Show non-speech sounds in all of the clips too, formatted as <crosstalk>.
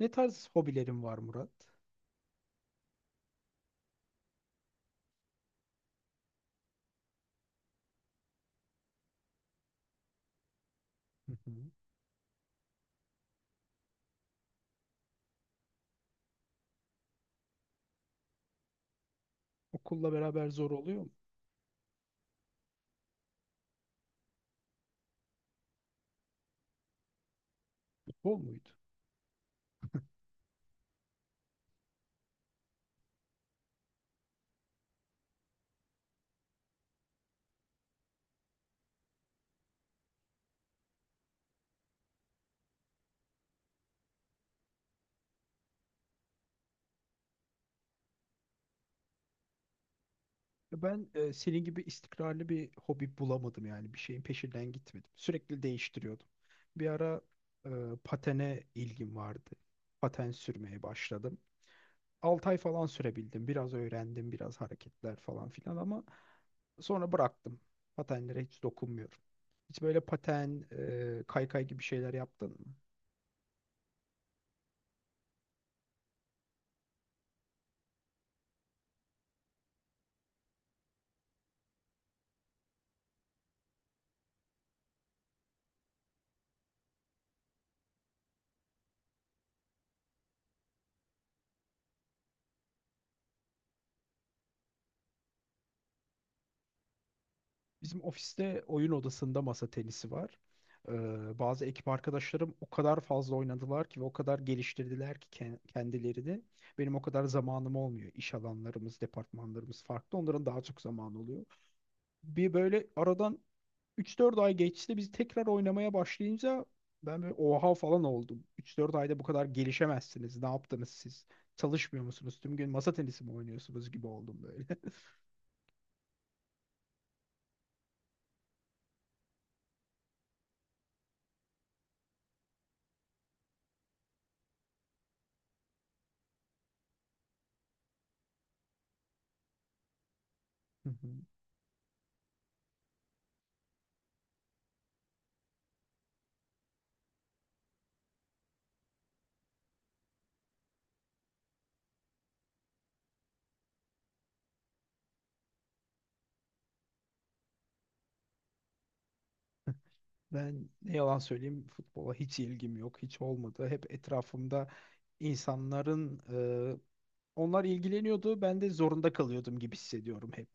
Ne tarz hobilerin var, Murat? Hı hı. Okulla beraber zor oluyor mu? Futbol muydu? Ya ben senin gibi istikrarlı bir hobi bulamadım yani. Bir şeyin peşinden gitmedim. Sürekli değiştiriyordum. Bir ara e, patene ilgim vardı. Paten sürmeye başladım. 6 ay falan sürebildim. Biraz öğrendim, biraz hareketler falan filan ama sonra bıraktım. Patenlere hiç dokunmuyorum. Hiç böyle paten, kaykay gibi şeyler yaptın mı? Bizim ofiste oyun odasında masa tenisi var. Bazı ekip arkadaşlarım o kadar fazla oynadılar ki ve o kadar geliştirdiler ki kendilerini. Benim o kadar zamanım olmuyor. İş alanlarımız, departmanlarımız farklı. Onların daha çok zamanı oluyor. Bir böyle aradan 3-4 ay geçti. Biz tekrar oynamaya başlayınca ben böyle oha falan oldum. 3-4 ayda bu kadar gelişemezsiniz. Ne yaptınız siz? Çalışmıyor musunuz? Tüm gün masa tenisi mi oynuyorsunuz gibi oldum böyle. <laughs> Ben ne yalan söyleyeyim, futbola hiç ilgim yok, hiç olmadı. Hep etrafımda insanların onlar ilgileniyordu. Ben de zorunda kalıyordum gibi hissediyorum hep.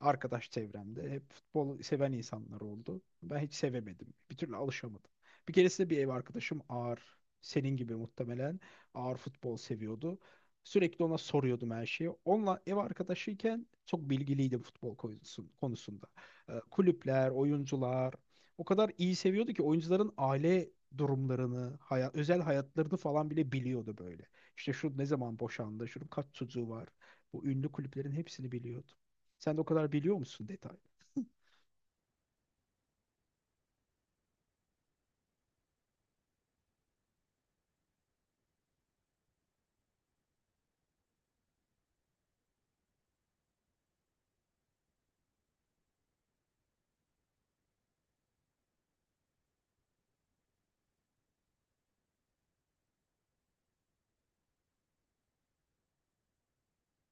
Arkadaş çevremde hep futbol seven insanlar oldu. Ben hiç sevemedim. Bir türlü alışamadım. Bir keresinde bir ev arkadaşım ağır, senin gibi muhtemelen ağır futbol seviyordu. Sürekli ona soruyordum her şeyi. Onunla ev arkadaşıyken çok bilgiliydim futbol konusunda. Kulüpler, oyuncular o kadar iyi seviyordu ki oyuncuların aile durumlarını, hayat, özel hayatlarını falan bile biliyordu böyle. İşte şu ne zaman boşandı, şunun kaç çocuğu var. Bu ünlü kulüplerin hepsini biliyordum. Sen de o kadar biliyor musun detay?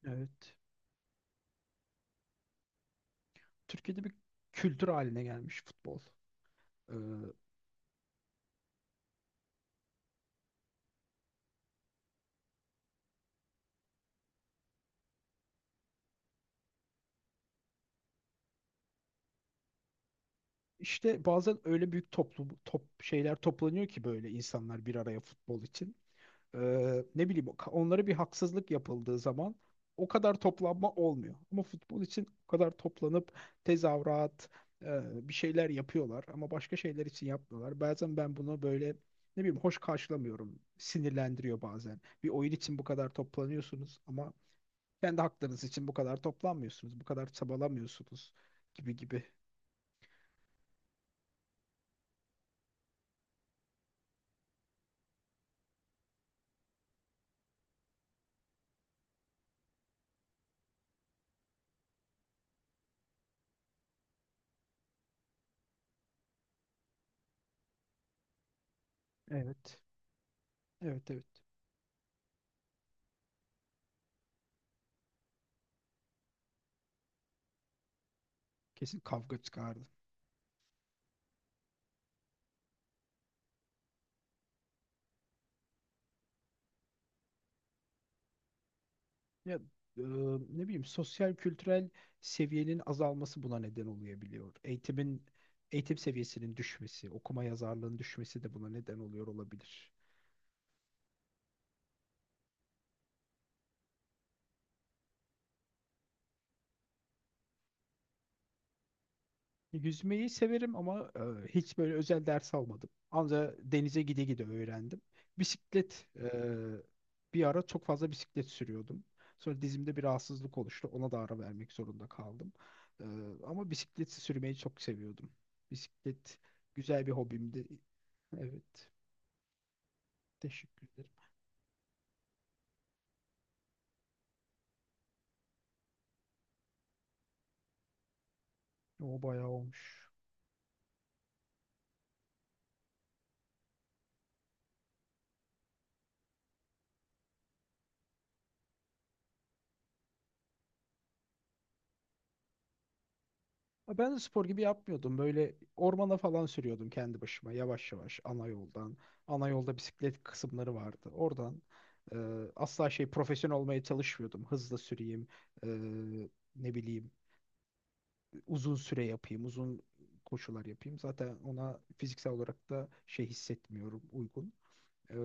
Evet. Türkiye'de bir kültür haline gelmiş futbol. Ee, işte bazen öyle büyük toplum top şeyler toplanıyor ki böyle insanlar bir araya futbol için. Ne bileyim onlara bir haksızlık yapıldığı zaman o kadar toplanma olmuyor. Ama futbol için o kadar toplanıp tezahürat bir şeyler yapıyorlar ama başka şeyler için yapmıyorlar. Bazen ben bunu böyle ne bileyim hoş karşılamıyorum. Sinirlendiriyor bazen. Bir oyun için bu kadar toplanıyorsunuz ama kendi haklarınız için bu kadar toplanmıyorsunuz. Bu kadar çabalamıyorsunuz gibi gibi. Evet. Evet, evet. Kesin kavga çıkardı. Ya, e, ne bileyim sosyal kültürel seviyenin azalması buna neden olabiliyor. Eğitim seviyesinin düşmesi, okuma yazarlığın düşmesi de buna neden oluyor olabilir. Yüzmeyi severim ama hiç böyle özel ders almadım. Ancak denize gide gide öğrendim. Bisiklet, bir ara çok fazla bisiklet sürüyordum. Sonra dizimde bir rahatsızlık oluştu. Ona da ara vermek zorunda kaldım. E, ama bisiklet sürmeyi çok seviyordum. Bisiklet güzel bir hobimdi. Evet. Teşekkür ederim. O bayağı olmuş. Ha, ben de spor gibi yapmıyordum. Böyle ormana falan sürüyordum kendi başıma yavaş yavaş ana yoldan. Ana yolda bisiklet kısımları vardı. Oradan e, asla şey profesyonel olmaya çalışmıyordum. Hızlı süreyim, e, ne bileyim uzun süre yapayım, uzun koşular yapayım. Zaten ona fiziksel olarak da şey hissetmiyorum uygun. E,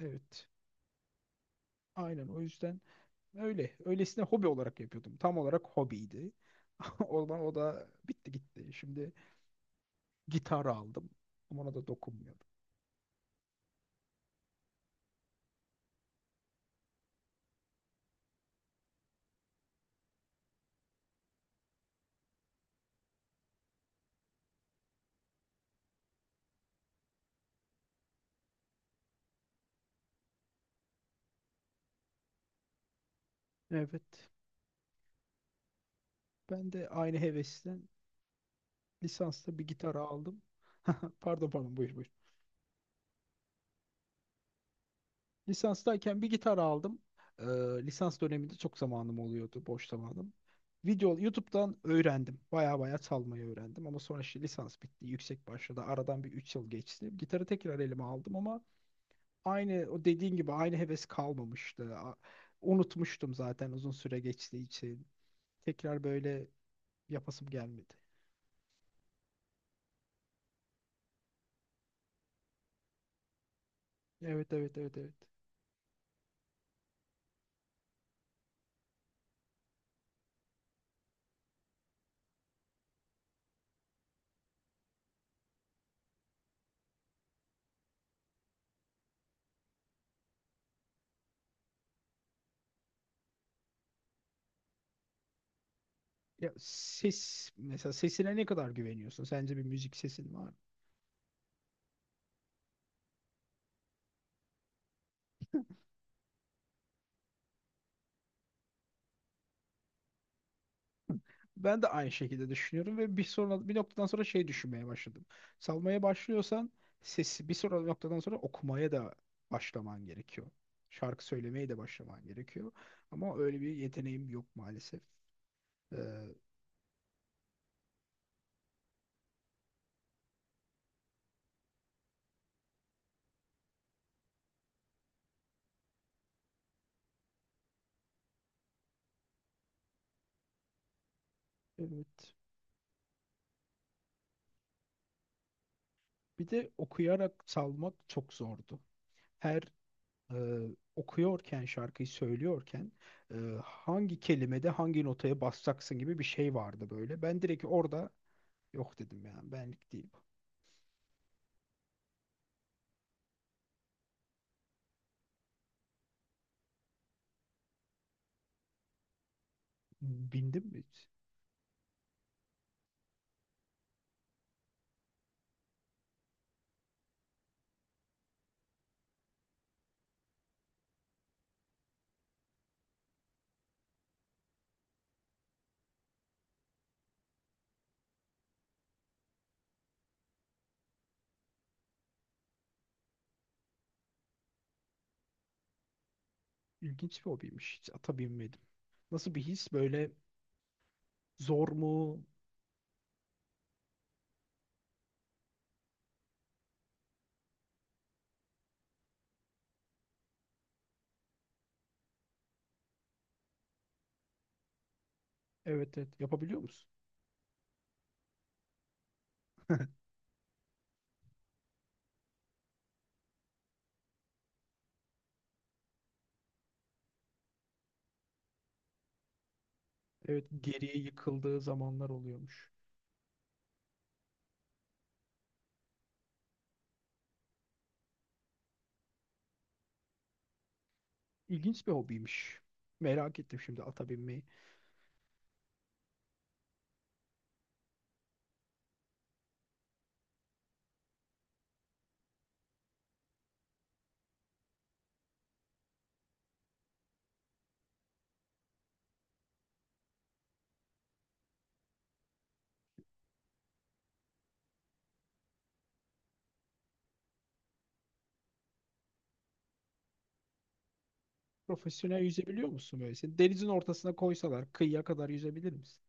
evet, aynen o yüzden öyle. Öylesine hobi olarak yapıyordum. Tam olarak hobiydi. <laughs> Ondan o da bitti gitti. Şimdi gitar aldım. Ama ona da dokunmuyorum. Evet. Ben de aynı hevesten lisansta bir gitar aldım. <laughs> Pardon, pardon, buyur buyur. Lisanstayken bir gitar aldım. Ee, lisans döneminde çok zamanım oluyordu. Boş zamanım. Video YouTube'dan öğrendim. Baya baya çalmayı öğrendim. Ama sonra işte lisans bitti. Yüksek başladı. Aradan bir 3 yıl geçti. Gitarı tekrar elime aldım ama aynı o dediğin gibi aynı heves kalmamıştı. Unutmuştum zaten uzun süre geçtiği için. Tekrar böyle yapasım gelmedi. Evet, evet, evet, evet. Ya ses, mesela sesine ne kadar güveniyorsun? Sence bir müzik sesin var mı? Ben de aynı şekilde düşünüyorum ve bir sonra bir noktadan sonra şey düşünmeye başladım. Salmaya başlıyorsan sesi bir sonra noktadan sonra okumaya da başlaman gerekiyor. Şarkı söylemeye de başlaman gerekiyor. Ama öyle bir yeteneğim yok maalesef. Ee, evet. Bir de okuyarak salmak çok zordu. Her e, okuyorken şarkıyı söylüyorken e, hangi kelimede hangi notaya basacaksın gibi bir şey vardı böyle. Ben direkt orada yok dedim, yani benlik değil bu. Bindim mi? İlginç bir hobiymiş. Hiç ata binmedim. Nasıl bir his böyle, zor mu? Evet, evet, yapabiliyor musun? <laughs> Evet, geriye yıkıldığı zamanlar oluyormuş. İlginç bir hobiymiş. Merak ettim şimdi ata binmeyi. Profesyonel yüzebiliyor musun böyle? Seni denizin ortasına koysalar kıyıya kadar yüzebilir misin?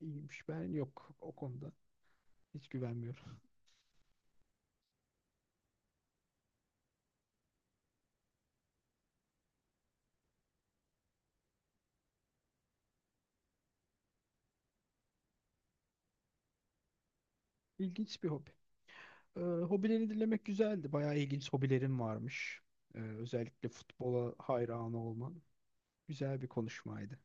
İyiymiş. Ben yok o konuda. Hiç güvenmiyorum. İlginç bir hobi. Hobileri dinlemek güzeldi. Bayağı ilginç hobilerim varmış. Özellikle futbola hayran olman. Güzel bir konuşmaydı.